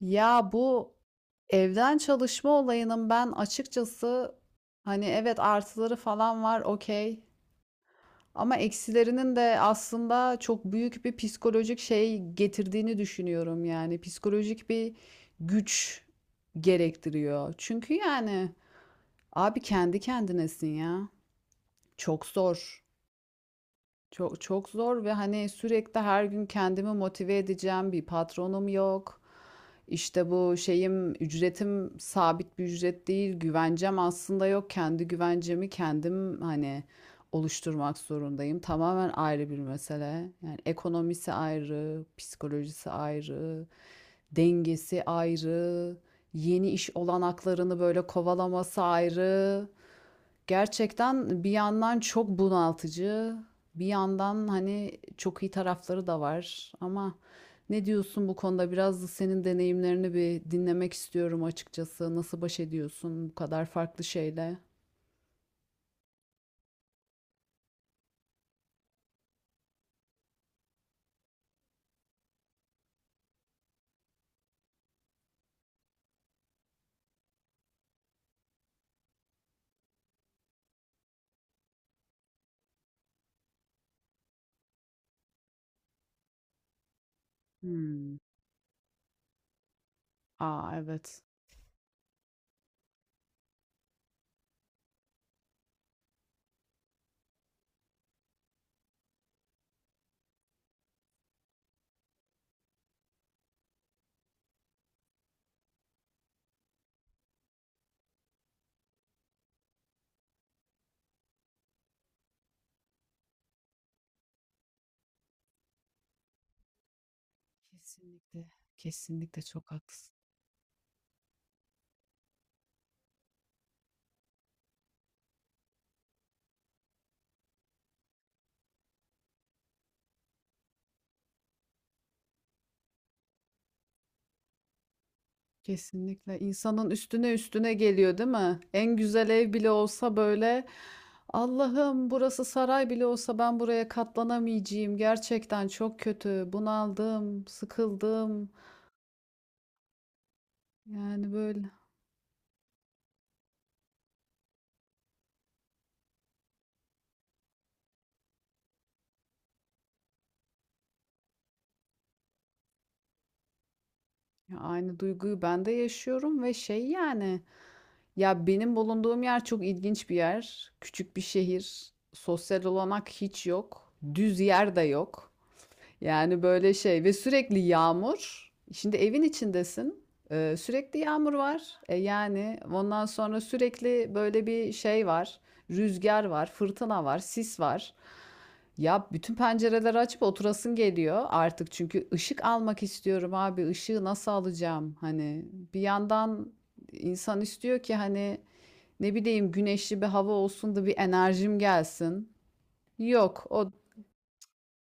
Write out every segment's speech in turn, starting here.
Ya bu evden çalışma olayının ben açıkçası hani evet artıları falan var okey ama eksilerinin de aslında çok büyük bir psikolojik şey getirdiğini düşünüyorum yani psikolojik bir güç gerektiriyor. Çünkü yani abi kendi kendinesin ya. Çok zor. Çok çok zor ve hani sürekli her gün kendimi motive edeceğim bir patronum yok. İşte bu şeyim ücretim sabit bir ücret değil. Güvencem aslında yok. Kendi güvencemi kendim hani oluşturmak zorundayım. Tamamen ayrı bir mesele. Yani ekonomisi ayrı, psikolojisi ayrı, dengesi ayrı, yeni iş olanaklarını böyle kovalaması ayrı. Gerçekten bir yandan çok bunaltıcı, bir yandan hani çok iyi tarafları da var. Ama ne diyorsun bu konuda? Biraz da senin deneyimlerini bir dinlemek istiyorum açıkçası. Nasıl baş ediyorsun bu kadar farklı şeyle? Hmm. Aa, evet. Kesinlikle. Kesinlikle çok haklısın. Kesinlikle insanın üstüne üstüne geliyor değil mi? En güzel ev bile olsa böyle Allah'ım burası saray bile olsa ben buraya katlanamayacağım. Gerçekten çok kötü. Bunaldım, sıkıldım. Yani böyle ya aynı duyguyu ben de yaşıyorum ve şey yani ya benim bulunduğum yer çok ilginç bir yer. Küçük bir şehir. Sosyal olanak hiç yok. Düz yer de yok. Yani böyle şey ve sürekli yağmur. Şimdi evin içindesin. Sürekli yağmur var. E yani ondan sonra sürekli böyle bir şey var. Rüzgar var, fırtına var, sis var. Ya bütün pencereleri açıp oturasın geliyor artık çünkü ışık almak istiyorum abi. Işığı nasıl alacağım? Hani bir yandan insan istiyor ki hani ne bileyim güneşli bir hava olsun da bir enerjim gelsin. Yok, o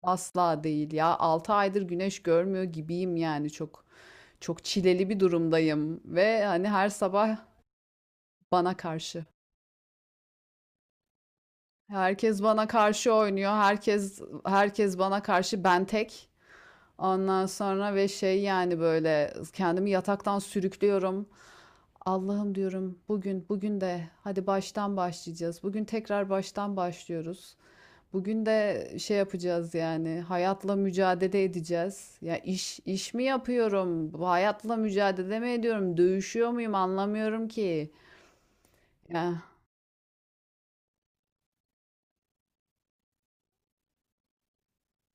asla değil ya. 6 aydır güneş görmüyor gibiyim yani çok çok çileli bir durumdayım ve hani her sabah bana karşı. Herkes bana karşı oynuyor. Herkes bana karşı ben tek. Ondan sonra ve şey yani böyle kendimi yataktan sürüklüyorum. Allah'ım diyorum bugün de hadi baştan başlayacağız. Bugün tekrar baştan başlıyoruz. Bugün de şey yapacağız yani hayatla mücadele edeceğiz. Ya iş mi yapıyorum? Bu hayatla mücadele mi ediyorum? Dövüşüyor muyum? Anlamıyorum ki. Ya.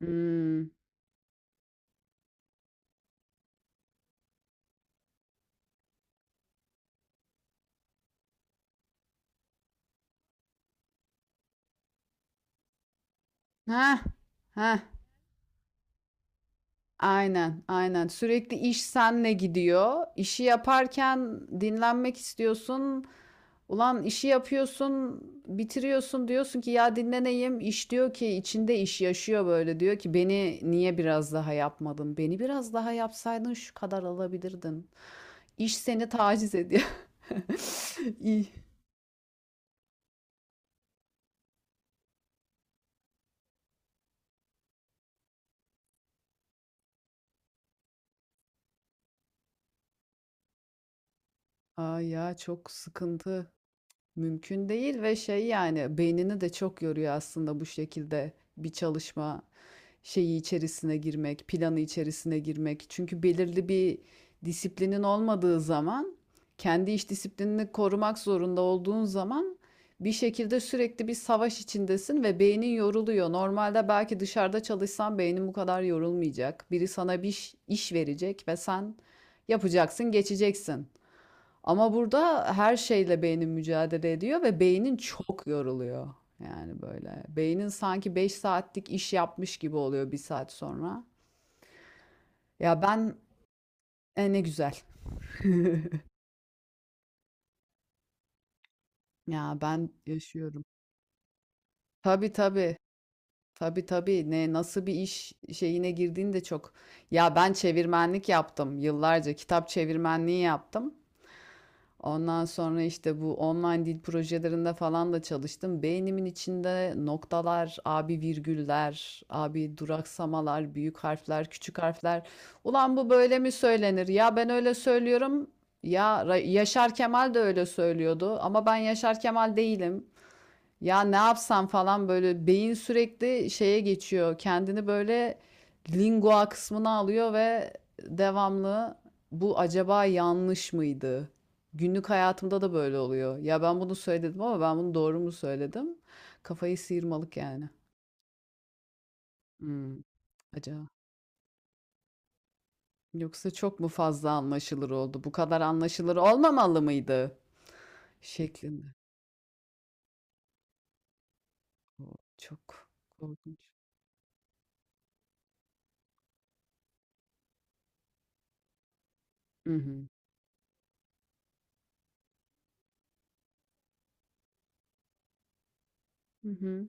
Hmm. Ha. Ha. Aynen, aynen. Sürekli iş senle gidiyor. İşi yaparken dinlenmek istiyorsun. Ulan işi yapıyorsun, bitiriyorsun diyorsun ki ya dinleneyim. İş diyor ki, içinde iş yaşıyor böyle diyor ki, beni niye biraz daha yapmadın? Beni biraz daha yapsaydın şu kadar alabilirdin. İş seni taciz ediyor. İyi. Aa ya, çok sıkıntı. Mümkün değil ve şey yani beynini de çok yoruyor aslında bu şekilde bir çalışma. Şeyi içerisine girmek, planı içerisine girmek. Çünkü belirli bir disiplinin olmadığı zaman, kendi iş disiplinini korumak zorunda olduğun zaman bir şekilde sürekli bir savaş içindesin ve beynin yoruluyor. Normalde belki dışarıda çalışsan beynin bu kadar yorulmayacak. Biri sana bir iş verecek ve sen yapacaksın, geçeceksin. Ama burada her şeyle beynin mücadele ediyor ve beynin çok yoruluyor. Yani böyle. Beynin sanki 5 saatlik iş yapmış gibi oluyor bir saat sonra. Ya ben ne güzel. Ya ben yaşıyorum. Tabii tabii. Tabii tabii. Ne nasıl bir iş şeyine girdiğinde çok. Ya ben çevirmenlik yaptım yıllarca. Kitap çevirmenliği yaptım. Ondan sonra işte bu online dil projelerinde falan da çalıştım. Beynimin içinde noktalar, abi virgüller, abi duraksamalar, büyük harfler, küçük harfler. Ulan bu böyle mi söylenir? Ya ben öyle söylüyorum. Ya Yaşar Kemal de öyle söylüyordu ama ben Yaşar Kemal değilim. Ya ne yapsam falan böyle beyin sürekli şeye geçiyor. Kendini böyle lingua kısmına alıyor ve devamlı bu acaba yanlış mıydı? Günlük hayatımda da böyle oluyor. Ya ben bunu söyledim ama ben bunu doğru mu söyledim? Kafayı sıyırmalık yani. Hmm, acaba. Yoksa çok mu fazla anlaşılır oldu? Bu kadar anlaşılır olmamalı mıydı? Şeklinde. O çok korkunç. Hı hı. Hı hı.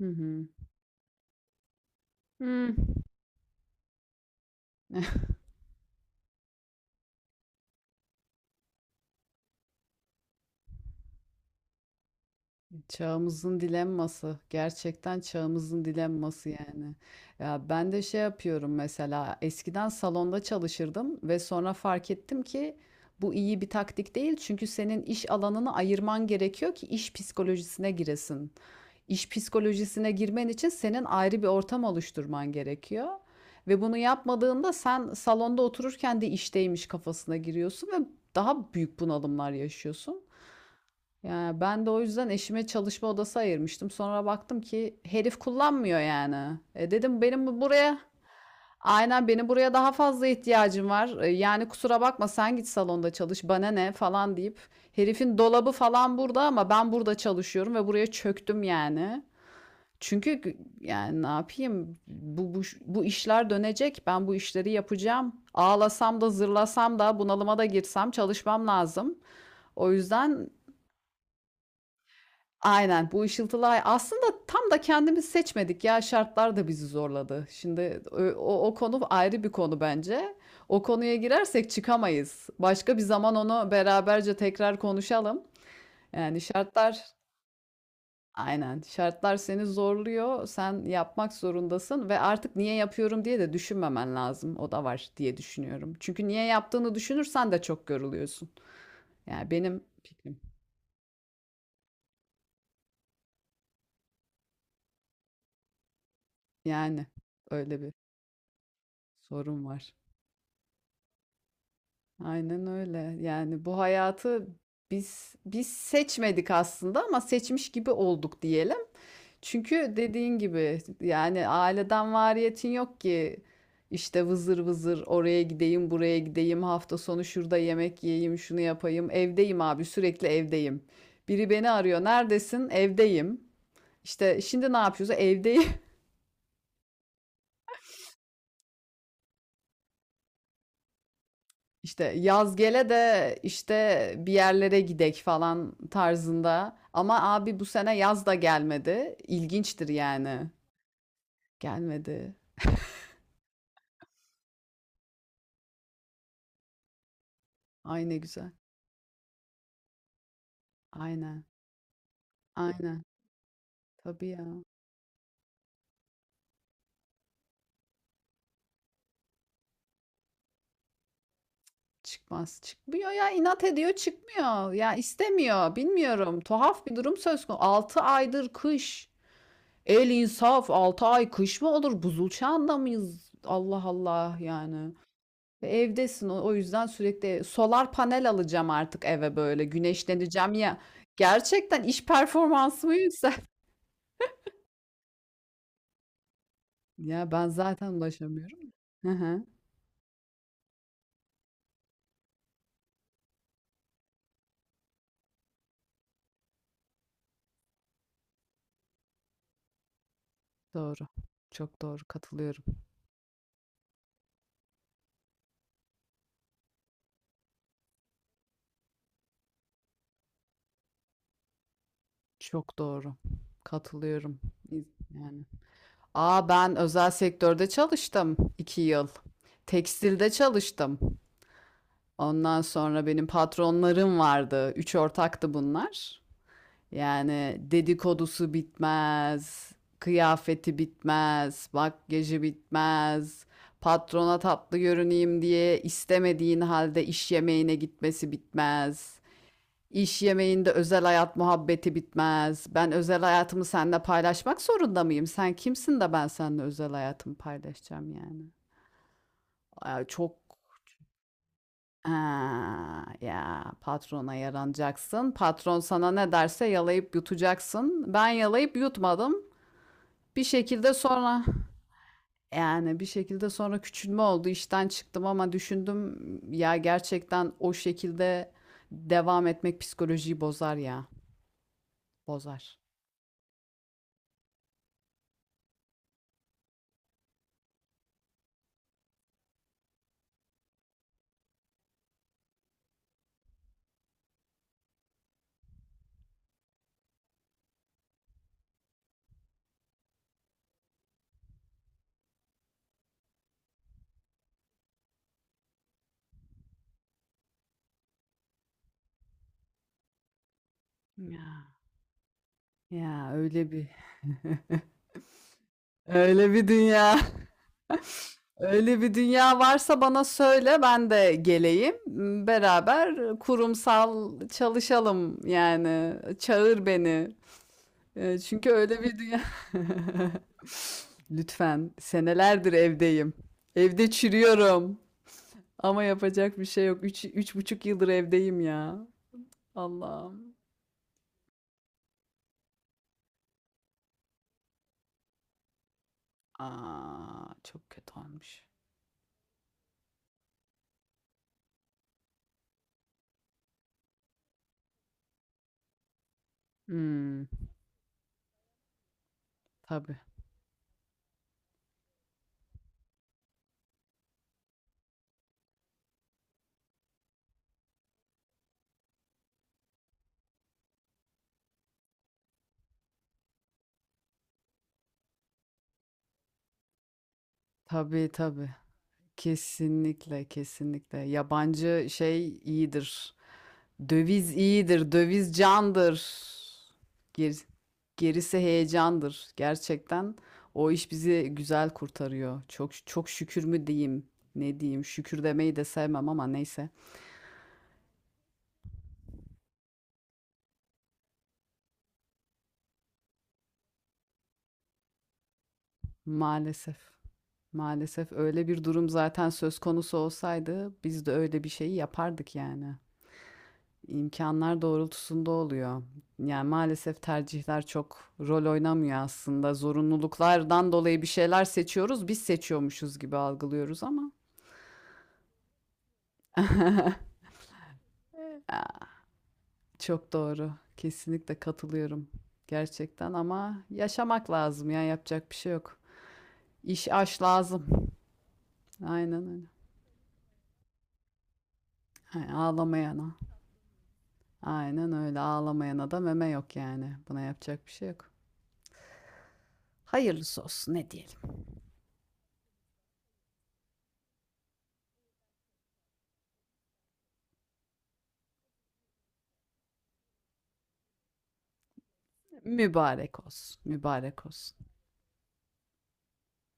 Hı hı. Hmm. Çağımızın dilemması. Gerçekten çağımızın dilemması yani. Ya ben de şey yapıyorum mesela, eskiden salonda çalışırdım ve sonra fark ettim ki bu iyi bir taktik değil. Çünkü senin iş alanını ayırman gerekiyor ki iş psikolojisine giresin. İş psikolojisine girmen için senin ayrı bir ortam oluşturman gerekiyor. Ve bunu yapmadığında sen salonda otururken de işteymiş kafasına giriyorsun ve daha büyük bunalımlar yaşıyorsun. Yani ben de o yüzden eşime çalışma odası ayırmıştım. Sonra baktım ki herif kullanmıyor yani. E dedim benim buraya aynen benim buraya daha fazla ihtiyacım var. E yani kusura bakma sen git salonda çalış bana ne falan deyip herifin dolabı falan burada ama ben burada çalışıyorum ve buraya çöktüm yani. Çünkü yani ne yapayım bu işler dönecek ben bu işleri yapacağım. Ağlasam da zırlasam da bunalıma da girsem çalışmam lazım. O yüzden aynen bu ışıltılı ay aslında tam da kendimiz seçmedik ya şartlar da bizi zorladı. Şimdi o konu ayrı bir konu bence. O konuya girersek çıkamayız. Başka bir zaman onu beraberce tekrar konuşalım. Yani şartlar aynen şartlar seni zorluyor. Sen yapmak zorundasın ve artık niye yapıyorum diye de düşünmemen lazım. O da var diye düşünüyorum. Çünkü niye yaptığını düşünürsen de çok yoruluyorsun. Yani benim fikrim yani öyle bir sorun var. Aynen öyle. Yani bu hayatı biz seçmedik aslında ama seçmiş gibi olduk diyelim. Çünkü dediğin gibi yani aileden variyetin yok ki işte vızır vızır oraya gideyim, buraya gideyim, hafta sonu şurada yemek yiyeyim, şunu yapayım. Evdeyim abi, sürekli evdeyim. Biri beni arıyor. Neredesin? Evdeyim. İşte şimdi ne yapıyoruz? Evdeyim. İşte yaz gele de işte bir yerlere gidek falan tarzında. Ama abi bu sene yaz da gelmedi. İlginçtir yani. Gelmedi. Ay ne güzel. Aynen. Aynen. Tabii ya. Çıkmaz. Çıkmıyor ya. İnat ediyor çıkmıyor. Ya istemiyor. Bilmiyorum. Tuhaf bir durum söz konusu. 6 aydır kış. El insaf. 6 ay kış mı olur? Buzul çağında mıyız? Allah Allah yani. Ve evdesin o yüzden sürekli solar panel alacağım artık eve böyle güneşleneceğim ya. Gerçekten iş performansımı yüksel Ya, ben zaten ulaşamıyorum. Hı hı. Doğru. Çok doğru, katılıyorum. Çok doğru. Katılıyorum. İz yani. A, ben özel sektörde çalıştım 2 yıl. Tekstilde çalıştım. Ondan sonra benim patronlarım vardı. Üç ortaktı bunlar. Yani dedikodusu bitmez, kıyafeti bitmez, makyajı bitmez, patrona tatlı görüneyim diye istemediğin halde iş yemeğine gitmesi bitmez. İş yemeğinde özel hayat muhabbeti bitmez. Ben özel hayatımı seninle paylaşmak zorunda mıyım? Sen kimsin de ben seninle özel hayatımı paylaşacağım yani. Ay, çok ha, ya patrona yaranacaksın. Patron sana ne derse yalayıp yutacaksın. Ben yalayıp yutmadım. Bir şekilde sonra yani bir şekilde sonra küçülme oldu. İşten çıktım ama düşündüm ya gerçekten o şekilde devam etmek psikolojiyi bozar ya. Bozar. Ya, ya öyle bir öyle bir dünya. Öyle bir dünya varsa bana söyle ben de geleyim. Beraber kurumsal çalışalım yani. Çağır beni. Çünkü öyle bir dünya. Lütfen. Senelerdir evdeyim. Evde çürüyorum. Ama yapacak bir şey yok. Üç, 3,5 yıldır evdeyim ya. Allah'ım. Aa, çok kötü olmuş. Hmm, tabii. Tabii tabii. Kesinlikle kesinlikle. Yabancı şey iyidir. Döviz iyidir, döviz candır. Ger- gerisi heyecandır. Gerçekten o iş bizi güzel kurtarıyor. Çok çok şükür mü diyeyim, ne diyeyim? Şükür demeyi de sevmem ama neyse. Maalesef. Maalesef öyle bir durum zaten söz konusu olsaydı biz de öyle bir şeyi yapardık yani. İmkanlar doğrultusunda oluyor. Yani maalesef tercihler çok rol oynamıyor aslında. Zorunluluklardan dolayı bir şeyler seçiyoruz, biz seçiyormuşuz gibi algılıyoruz ama. Çok doğru. Kesinlikle katılıyorum. Gerçekten ama yaşamak lazım ya yapacak bir şey yok. İş aş lazım. Aynen öyle. Ha, ağlamayana. Aynen öyle ağlamayana da meme yok yani. Buna yapacak bir şey yok. Hayırlısı olsun ne diyelim. Mübarek olsun. Mübarek olsun.